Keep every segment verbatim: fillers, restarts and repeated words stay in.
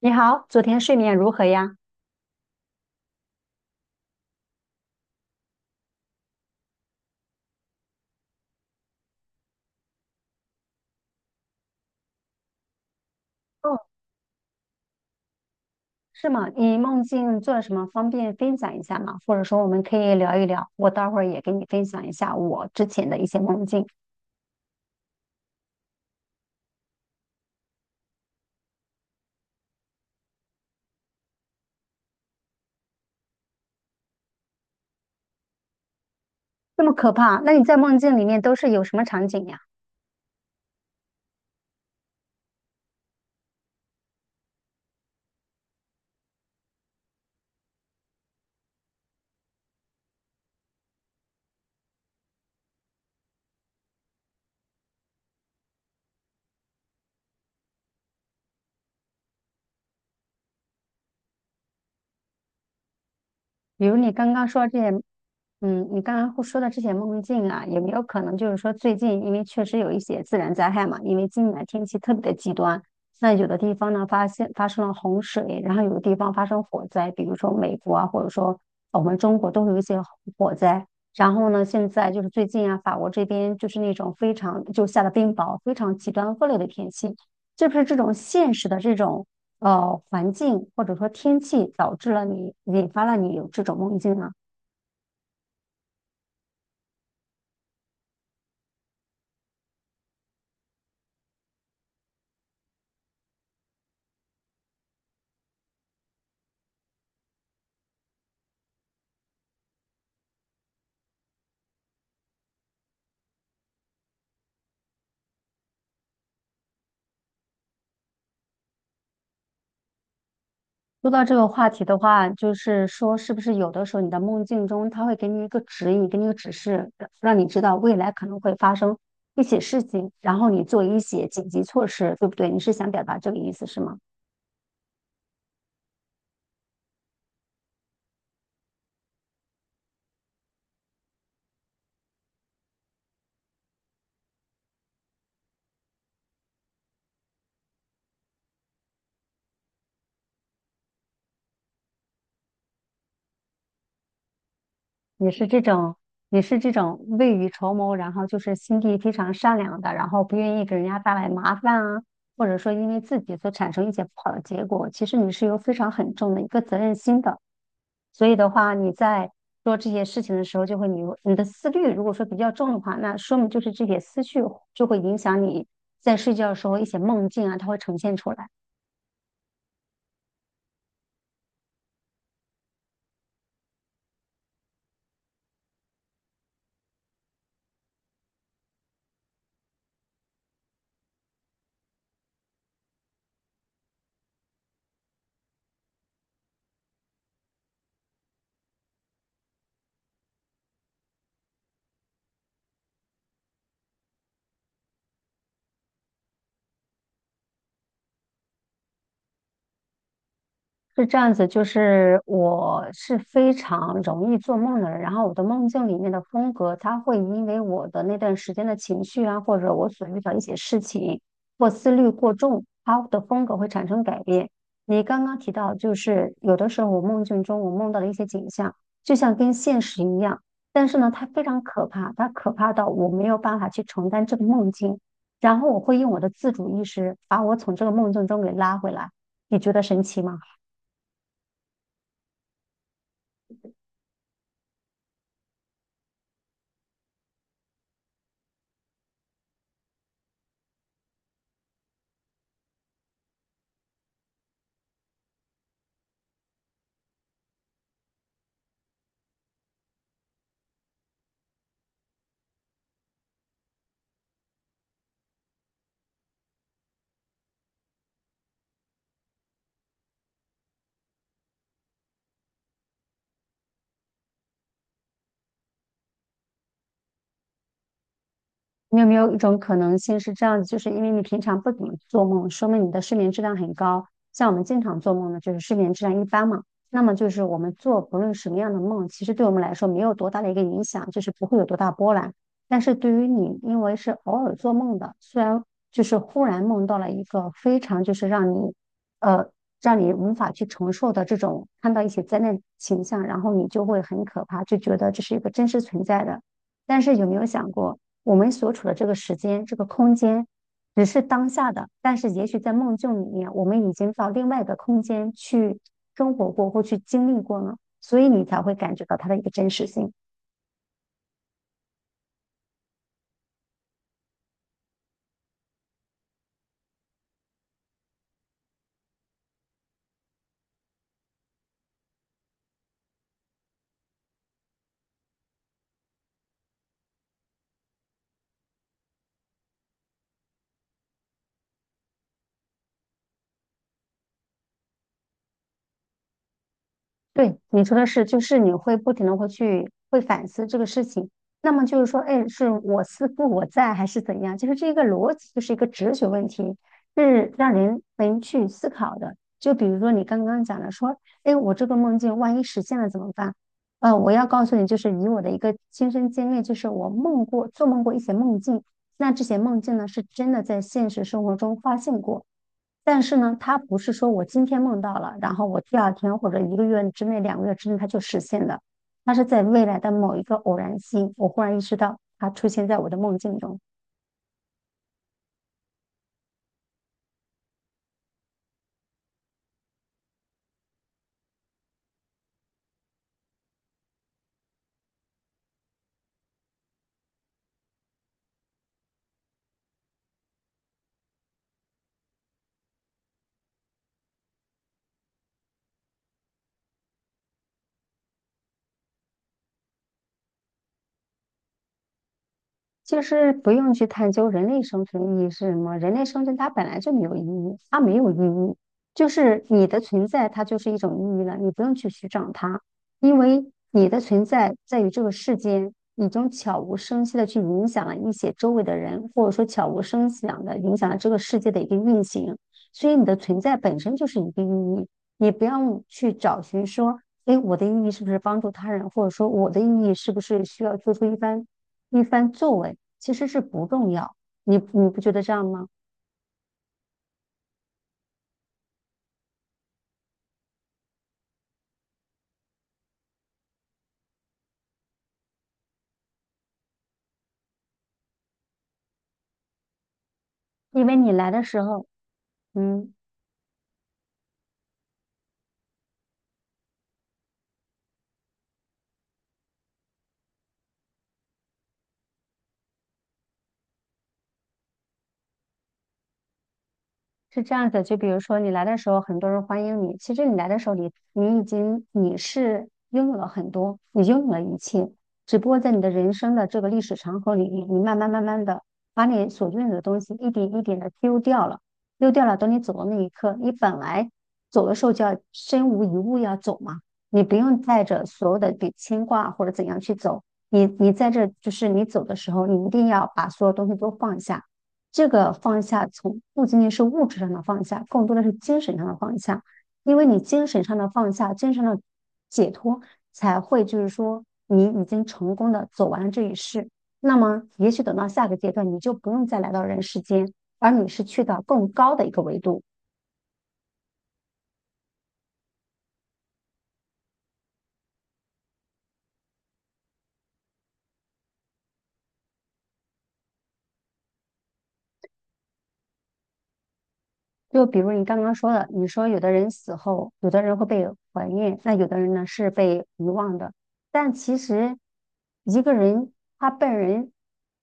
你好，昨天睡眠如何呀？哦，是吗？你梦境做了什么？方便分享一下吗？或者说我们可以聊一聊，我待会儿也给你分享一下我之前的一些梦境。那么可怕，那你在梦境里面都是有什么场景呀？比如你刚刚说这些，嗯，你刚刚会说的这些梦境啊，有没有可能就是说最近因为确实有一些自然灾害嘛，因为今年天气特别的极端，那有的地方呢发现发生了洪水，然后有的地方发生火灾，比如说美国啊，或者说我们中国都会有一些火灾。然后呢，现在就是最近啊，法国这边就是那种非常就下了冰雹，非常极端恶劣的天气，是不是这种现实的这种？呃环境或者说天气导致了你引发了你有这种梦境呢？说到这个话题的话，就是说是不是有的时候你的梦境中，它会给你一个指引，给你一个指示，让你知道未来可能会发生一些事情，然后你做一些紧急措施，对不对？你是想表达这个意思是吗？你是这种，你是这种未雨绸缪，然后就是心地非常善良的，然后不愿意给人家带来麻烦啊，或者说因为自己所产生一些不好的结果，其实你是有非常很重的一个责任心的。所以的话，你在做这些事情的时候，就会你你的思虑如果说比较重的话，那说明就是这些思绪就会影响你在睡觉的时候一些梦境啊，它会呈现出来。是这样子，就是我是非常容易做梦的人，然后我的梦境里面的风格，它会因为我的那段时间的情绪啊，或者我所遇到一些事情或思虑过重，它的风格会产生改变。你刚刚提到，就是有的时候我梦境中我梦到的一些景象，就像跟现实一样，但是呢，它非常可怕，它可怕到我没有办法去承担这个梦境，然后我会用我的自主意识把我从这个梦境中给拉回来，你觉得神奇吗？你有没有一种可能性是这样子，就是因为你平常不怎么做梦，说明你的睡眠质量很高。像我们经常做梦呢，就是睡眠质量一般嘛。那么就是我们做不论什么样的梦，其实对我们来说没有多大的一个影响，就是不会有多大波澜。但是对于你，因为是偶尔做梦的，虽然就是忽然梦到了一个非常就是让你，呃，让你无法去承受的这种看到一些灾难形象，然后你就会很可怕，就觉得这是一个真实存在的。但是有没有想过？我们所处的这个时间、这个空间，只是当下的，但是也许在梦境里面，我们已经到另外一个空间去生活过或去经历过了，所以你才会感觉到它的一个真实性。对，你说的是，就是你会不停的会去会反思这个事情，那么就是说，哎，是我思故我在还是怎样？就是这个逻辑，就是一个哲学问题，是让人能去思考的。就比如说你刚刚讲的，说，哎，我这个梦境万一实现了怎么办？呃，我要告诉你，就是以我的一个亲身经历，就是我梦过做梦过一些梦境，那这些梦境呢是真的在现实生活中发现过，但是呢，它不是说我今天梦到了，然后我第二天或者一个月之内、两个月之内它就实现的，它是在未来的某一个偶然性，我忽然意识到它出现在我的梦境中。就是不用去探究人类生存意义是什么，人类生存它本来就没有意义，它没有意义，就是你的存在它就是一种意义了，你不用去寻找它，因为你的存在在于这个世间，已经悄无声息的去影响了一些周围的人，或者说悄无声息的影响了这个世界的一个运行，所以你的存在本身就是一个意义，你不要去找寻说，哎，我的意义是不是帮助他人，或者说我的意义是不是需要做出一番。一番作为，其实是不重要。你你不觉得这样吗？因为你来的时候，嗯。是这样子，就比如说你来的时候，很多人欢迎你。其实你来的时候你，你已经你是拥有了很多，你拥有了一切，只不过在你的人生的这个历史长河里，你慢慢慢慢的把你所拥有的东西一点一点的丢掉了，丢掉了。等你走的那一刻，你本来走的时候就要身无一物要走嘛，你不用带着所有的比牵挂或者怎样去走。你你在这就是你走的时候，你一定要把所有东西都放下。这个放下从不仅仅是物质上的放下，更多的是精神上的放下，因为你精神上的放下，精神上的解脱，才会就是说你已经成功的走完了这一世。那么，也许等到下个阶段，你就不用再来到人世间，而你是去到更高的一个维度。就比如你刚刚说的，你说有的人死后，有的人会被怀念，那有的人呢是被遗忘的。但其实，一个人他被人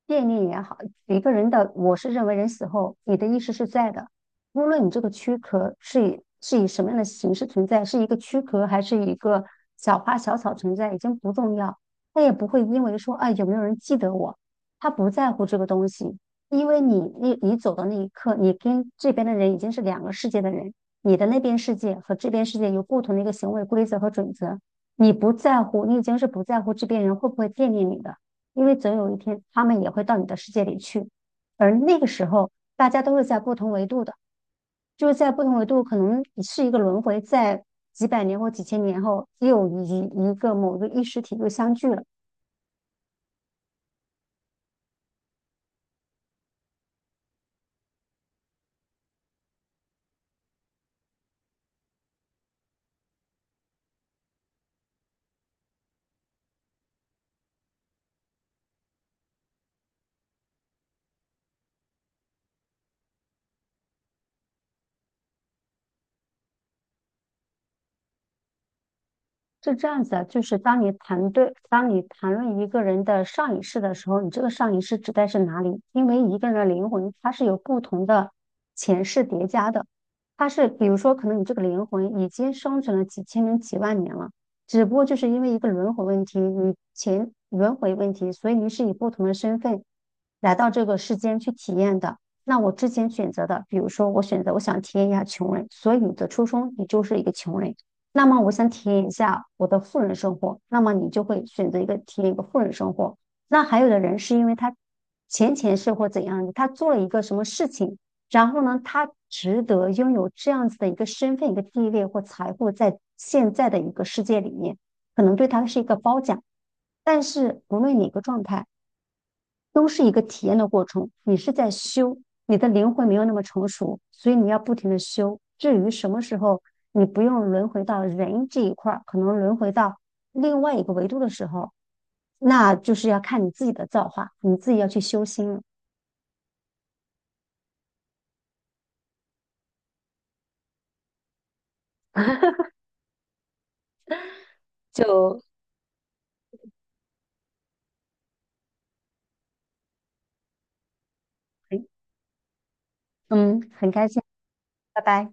惦念也好，一个人的，我是认为人死后，你的意识是在的，无论你这个躯壳是以是以什么样的形式存在，是一个躯壳还是一个小花小草存在，已经不重要。他也不会因为说啊有没有人记得我，他不在乎这个东西。因为你你你走的那一刻，你跟这边的人已经是两个世界的人，你的那边世界和这边世界有不同的一个行为规则和准则。你不在乎，你已经是不在乎这边人会不会惦念你的，因为总有一天他们也会到你的世界里去。而那个时候，大家都是在不同维度的，就是在不同维度，可能是一个轮回，在几百年或几千年后，又一一个某个意识体又相聚了。是这样子的，就是当你谈对，当你谈论一个人的上一世的时候，你这个上一世指代是哪里？因为一个人的灵魂，它是有不同的前世叠加的。它是，比如说，可能你这个灵魂已经生存了几千年、几万年了，只不过就是因为一个轮回问题，你前轮回问题，所以你是以不同的身份来到这个世间去体验的。那我之前选择的，比如说我选择我想体验一下穷人，所以你的出生你就是一个穷人。那么我想体验一下我的富人生活，那么你就会选择一个体验一个富人生活。那还有的人是因为他前前世或怎样的，他做了一个什么事情，然后呢，他值得拥有这样子的一个身份、一个地位或财富，在现在的一个世界里面，可能对他是一个褒奖。但是无论哪个状态。都是一个体验的过程。你是在修，你的灵魂没有那么成熟，所以你要不停的修。至于什么时候你不用轮回到人这一块可能轮回到另外一个维度的时候，那就是要看你自己的造化，你自己要去修心了。就嗯，很开心，拜拜。